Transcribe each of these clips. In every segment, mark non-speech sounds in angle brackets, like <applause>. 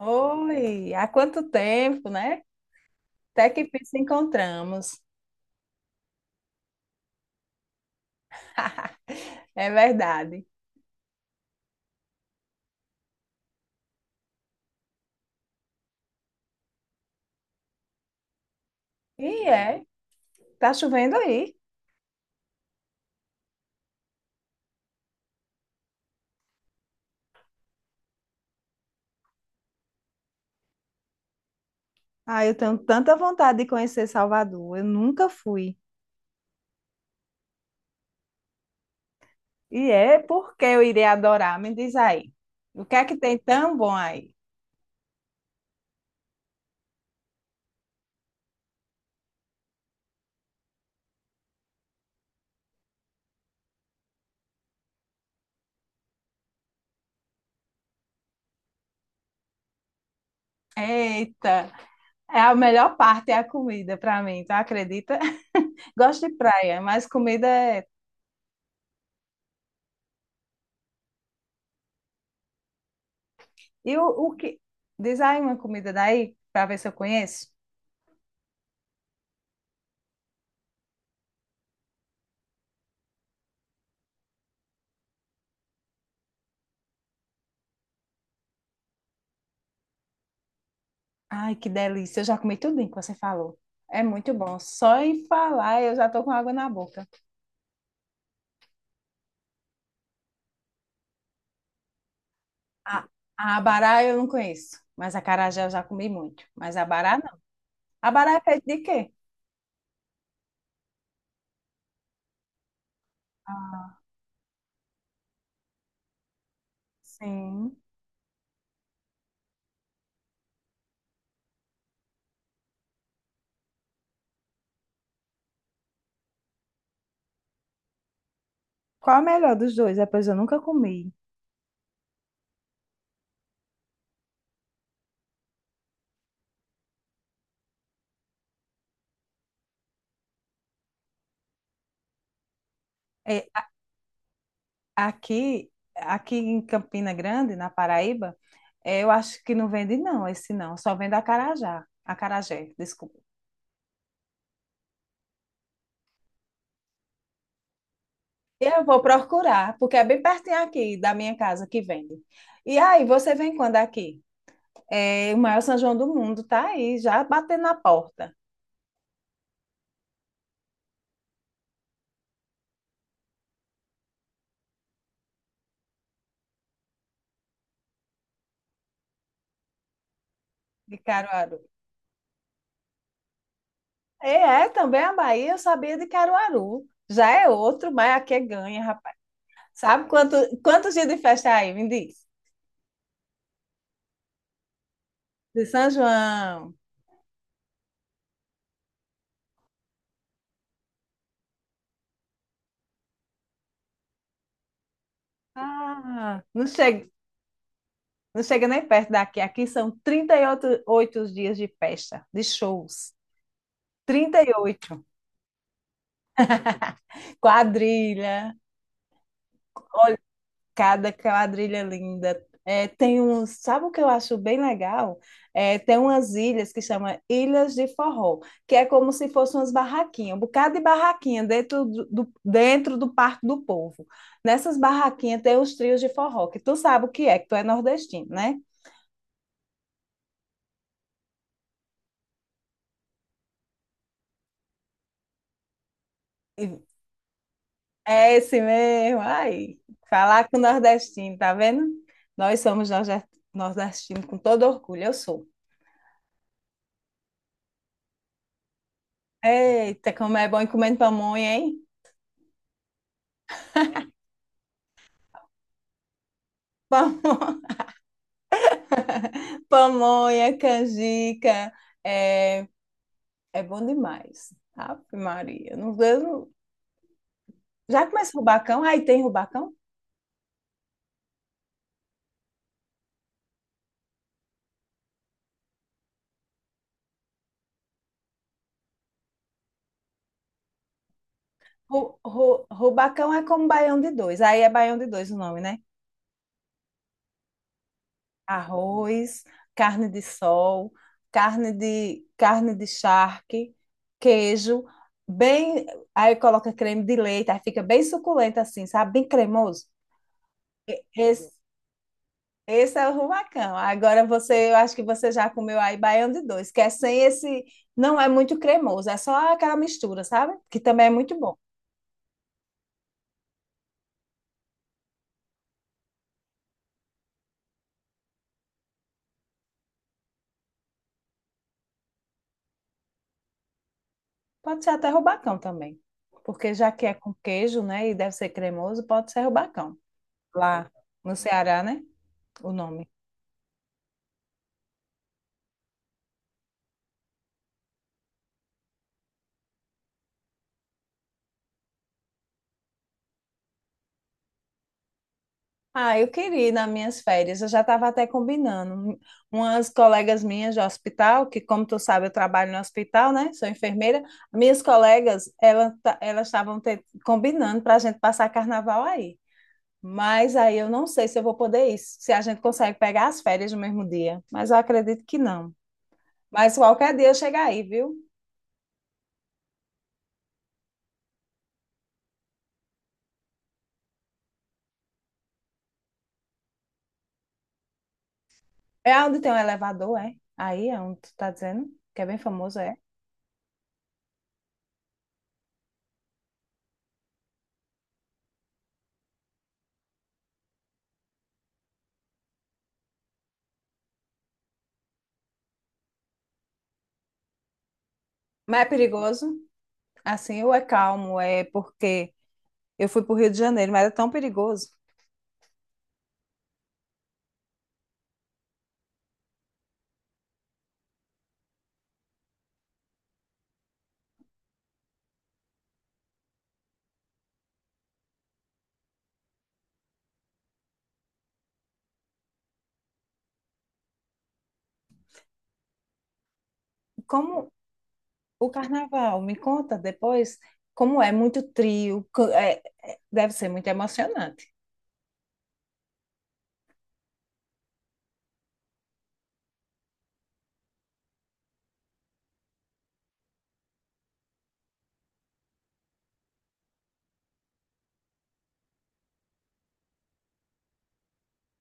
Oi, há quanto tempo, né? Até que fim se encontramos. <laughs> É verdade. E é, tá chovendo aí. Ah, eu tenho tanta vontade de conhecer Salvador, eu nunca fui. E é porque eu irei adorar, me diz aí. O que é que tem tão bom aí? Eita, é a melhor parte é a comida para mim, tu acredita? <laughs> Gosto de praia, mas comida é. E o que. Diz aí uma comida daí, para ver se eu conheço. Ai, que delícia. Eu já comi tudinho que você falou. É muito bom. Só em falar eu já tô com água na boca. A, a abará eu não conheço, mas a acarajé eu já comi muito. Mas abará não. Abará é feito de quê? Ah, sim. Qual é o melhor dos dois? É, pois eu nunca comi. É, a- aqui em Campina Grande, na Paraíba, eu acho que não vende não, esse não. Só vende acarajá. Acarajé, desculpa. Eu vou procurar, porque é bem pertinho aqui da minha casa que vende. E aí, você vem quando aqui? É, o maior São João do mundo tá aí, já batendo na porta de Caruaru. E é, também a Bahia, eu sabia de Caruaru. Já é outro, mas aqui é ganha, rapaz. Sabe quantos dias de festa é aí? Me diz. De São João. Ah, não chega nem perto daqui. Aqui são 38 dias de festa, de shows. 38. Quadrilha, cada quadrilha linda. É, tem uns, sabe o que eu acho bem legal? É, tem umas ilhas que chama Ilhas de Forró, que é como se fossem umas barraquinhas, um bocado de barraquinha dentro do Parque do Povo. Nessas barraquinhas tem os trios de forró, que tu sabe o que é, que tu é nordestino, né? E- É esse mesmo, aí. Falar com nordestino, tá vendo? Nós somos nordestinos com todo orgulho, eu sou. Eita, como é bom ir comendo pamonha, hein? <laughs> Pamonha, canjica, é, é bom demais. Ave Maria. Não, eu não. Já começa rubacão? Aí tem rubacão? Rubacão é como baião de dois. Aí é baião de dois o nome, né? Arroz, carne de sol, carne de charque, queijo, bem. Aí coloca creme de leite, aí fica bem suculento assim, sabe? Bem cremoso. Esse é o rubacão. Agora você, eu acho que você já comeu aí baião de dois, que é sem esse, não é muito cremoso, é só aquela mistura, sabe? Que também é muito bom. Pode ser até rubacão também, porque já que é com queijo, né, e deve ser cremoso, pode ser rubacão. Lá no Ceará, né? O nome. Ah, eu queria ir nas minhas férias. Eu já estava até combinando. Umas colegas minhas de hospital, que como tu sabe, eu trabalho no hospital, né? Sou enfermeira. Minhas colegas, elas estavam combinando para a gente passar carnaval aí. Mas aí eu não sei se eu vou poder ir, se a gente consegue pegar as férias no mesmo dia. Mas eu acredito que não. Mas qualquer dia eu chego aí, viu? É onde tem um elevador, é? Aí é onde tu tá dizendo, que é bem famoso, é. Mas é perigoso. Assim, ou é calmo, é porque eu fui para o Rio de Janeiro, mas era tão perigoso. Como o carnaval? Me conta depois como é muito trio, deve ser muito emocionante.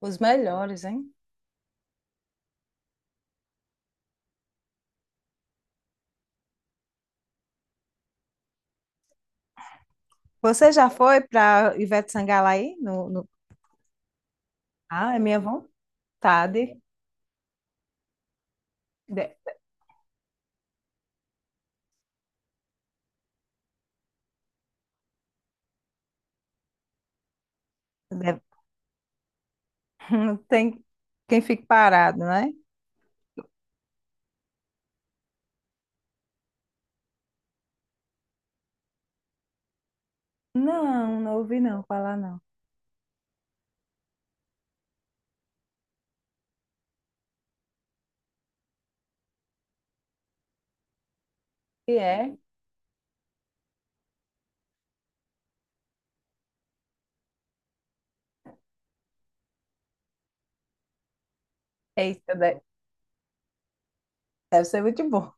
Os melhores, hein? Você já foi para Ivete Sangalo aí? Ah, é minha vontade. De- de- <laughs> Não tem quem fique parado, né? Não, não ouvi não falar não. E é? Eita, deve ser muito bom.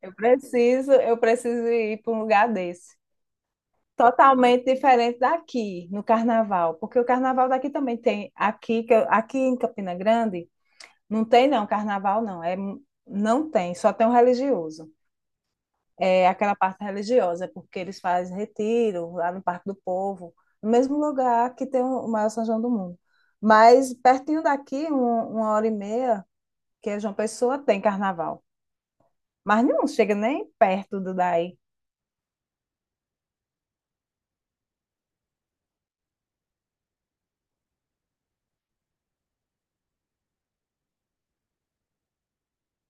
Eu preciso ir para um lugar desse. Totalmente diferente daqui, no carnaval, porque o carnaval daqui também tem, aqui, aqui em Campina Grande, não tem não, carnaval não, não tem, só tem o religioso, é aquela parte religiosa, porque eles fazem retiro lá no Parque do Povo, no mesmo lugar que tem o maior São João do mundo, mas pertinho daqui, uma hora e meia, que é João Pessoa, tem carnaval, mas não chega nem perto do daí,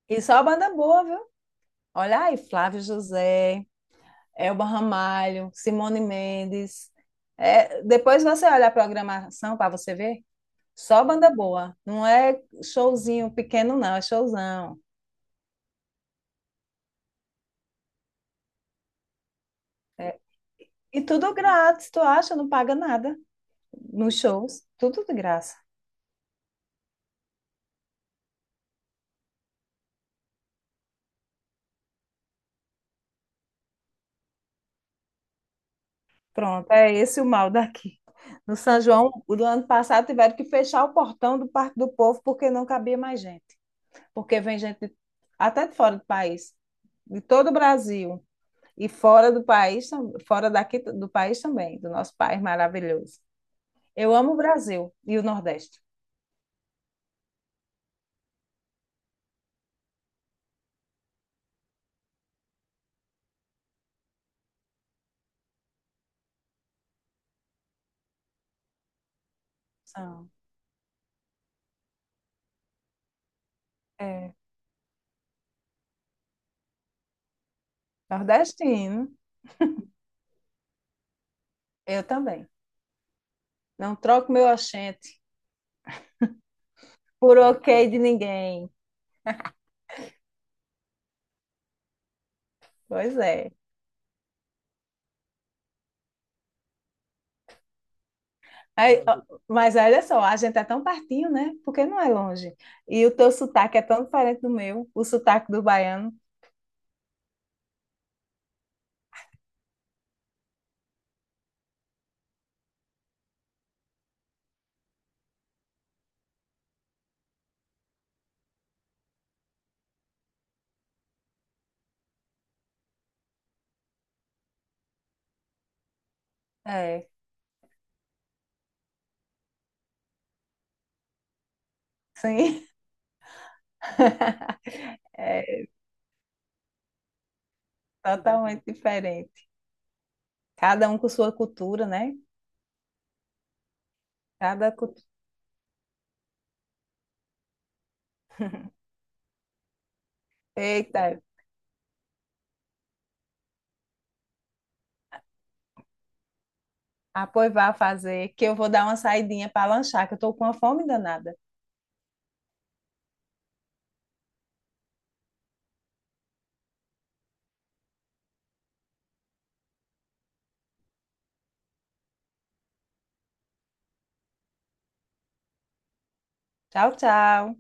e só banda boa, viu? Olha aí, Flávio José, Elba Ramalho, Simone Mendes. É, depois você olha a programação para você ver, só banda boa. Não é showzinho pequeno, não, é showzão. É, e tudo grátis, tu acha? Não paga nada nos shows, tudo de graça. Pronto, é esse o mal daqui. No São João, o do ano passado, tiveram que fechar o portão do Parque do Povo porque não cabia mais gente. Porque vem gente até de fora do país, de todo o Brasil. E fora do país, fora daqui do país também, do nosso país maravilhoso. Eu amo o Brasil e o Nordeste. São. É, nordestino, eu também. Não troco meu oxente por ok de ninguém. Pois é. Aí, ó, mas olha só, a gente é tão pertinho, né? Porque não é longe. E o teu sotaque é tão diferente do meu, o sotaque do baiano. É, sim. <laughs> É totalmente diferente. Cada um com sua cultura, né? Cada cultura. Eita, ah, pois vá fazer, que eu vou dar uma saidinha para lanchar, que eu estou com uma fome danada. Tchau, tchau.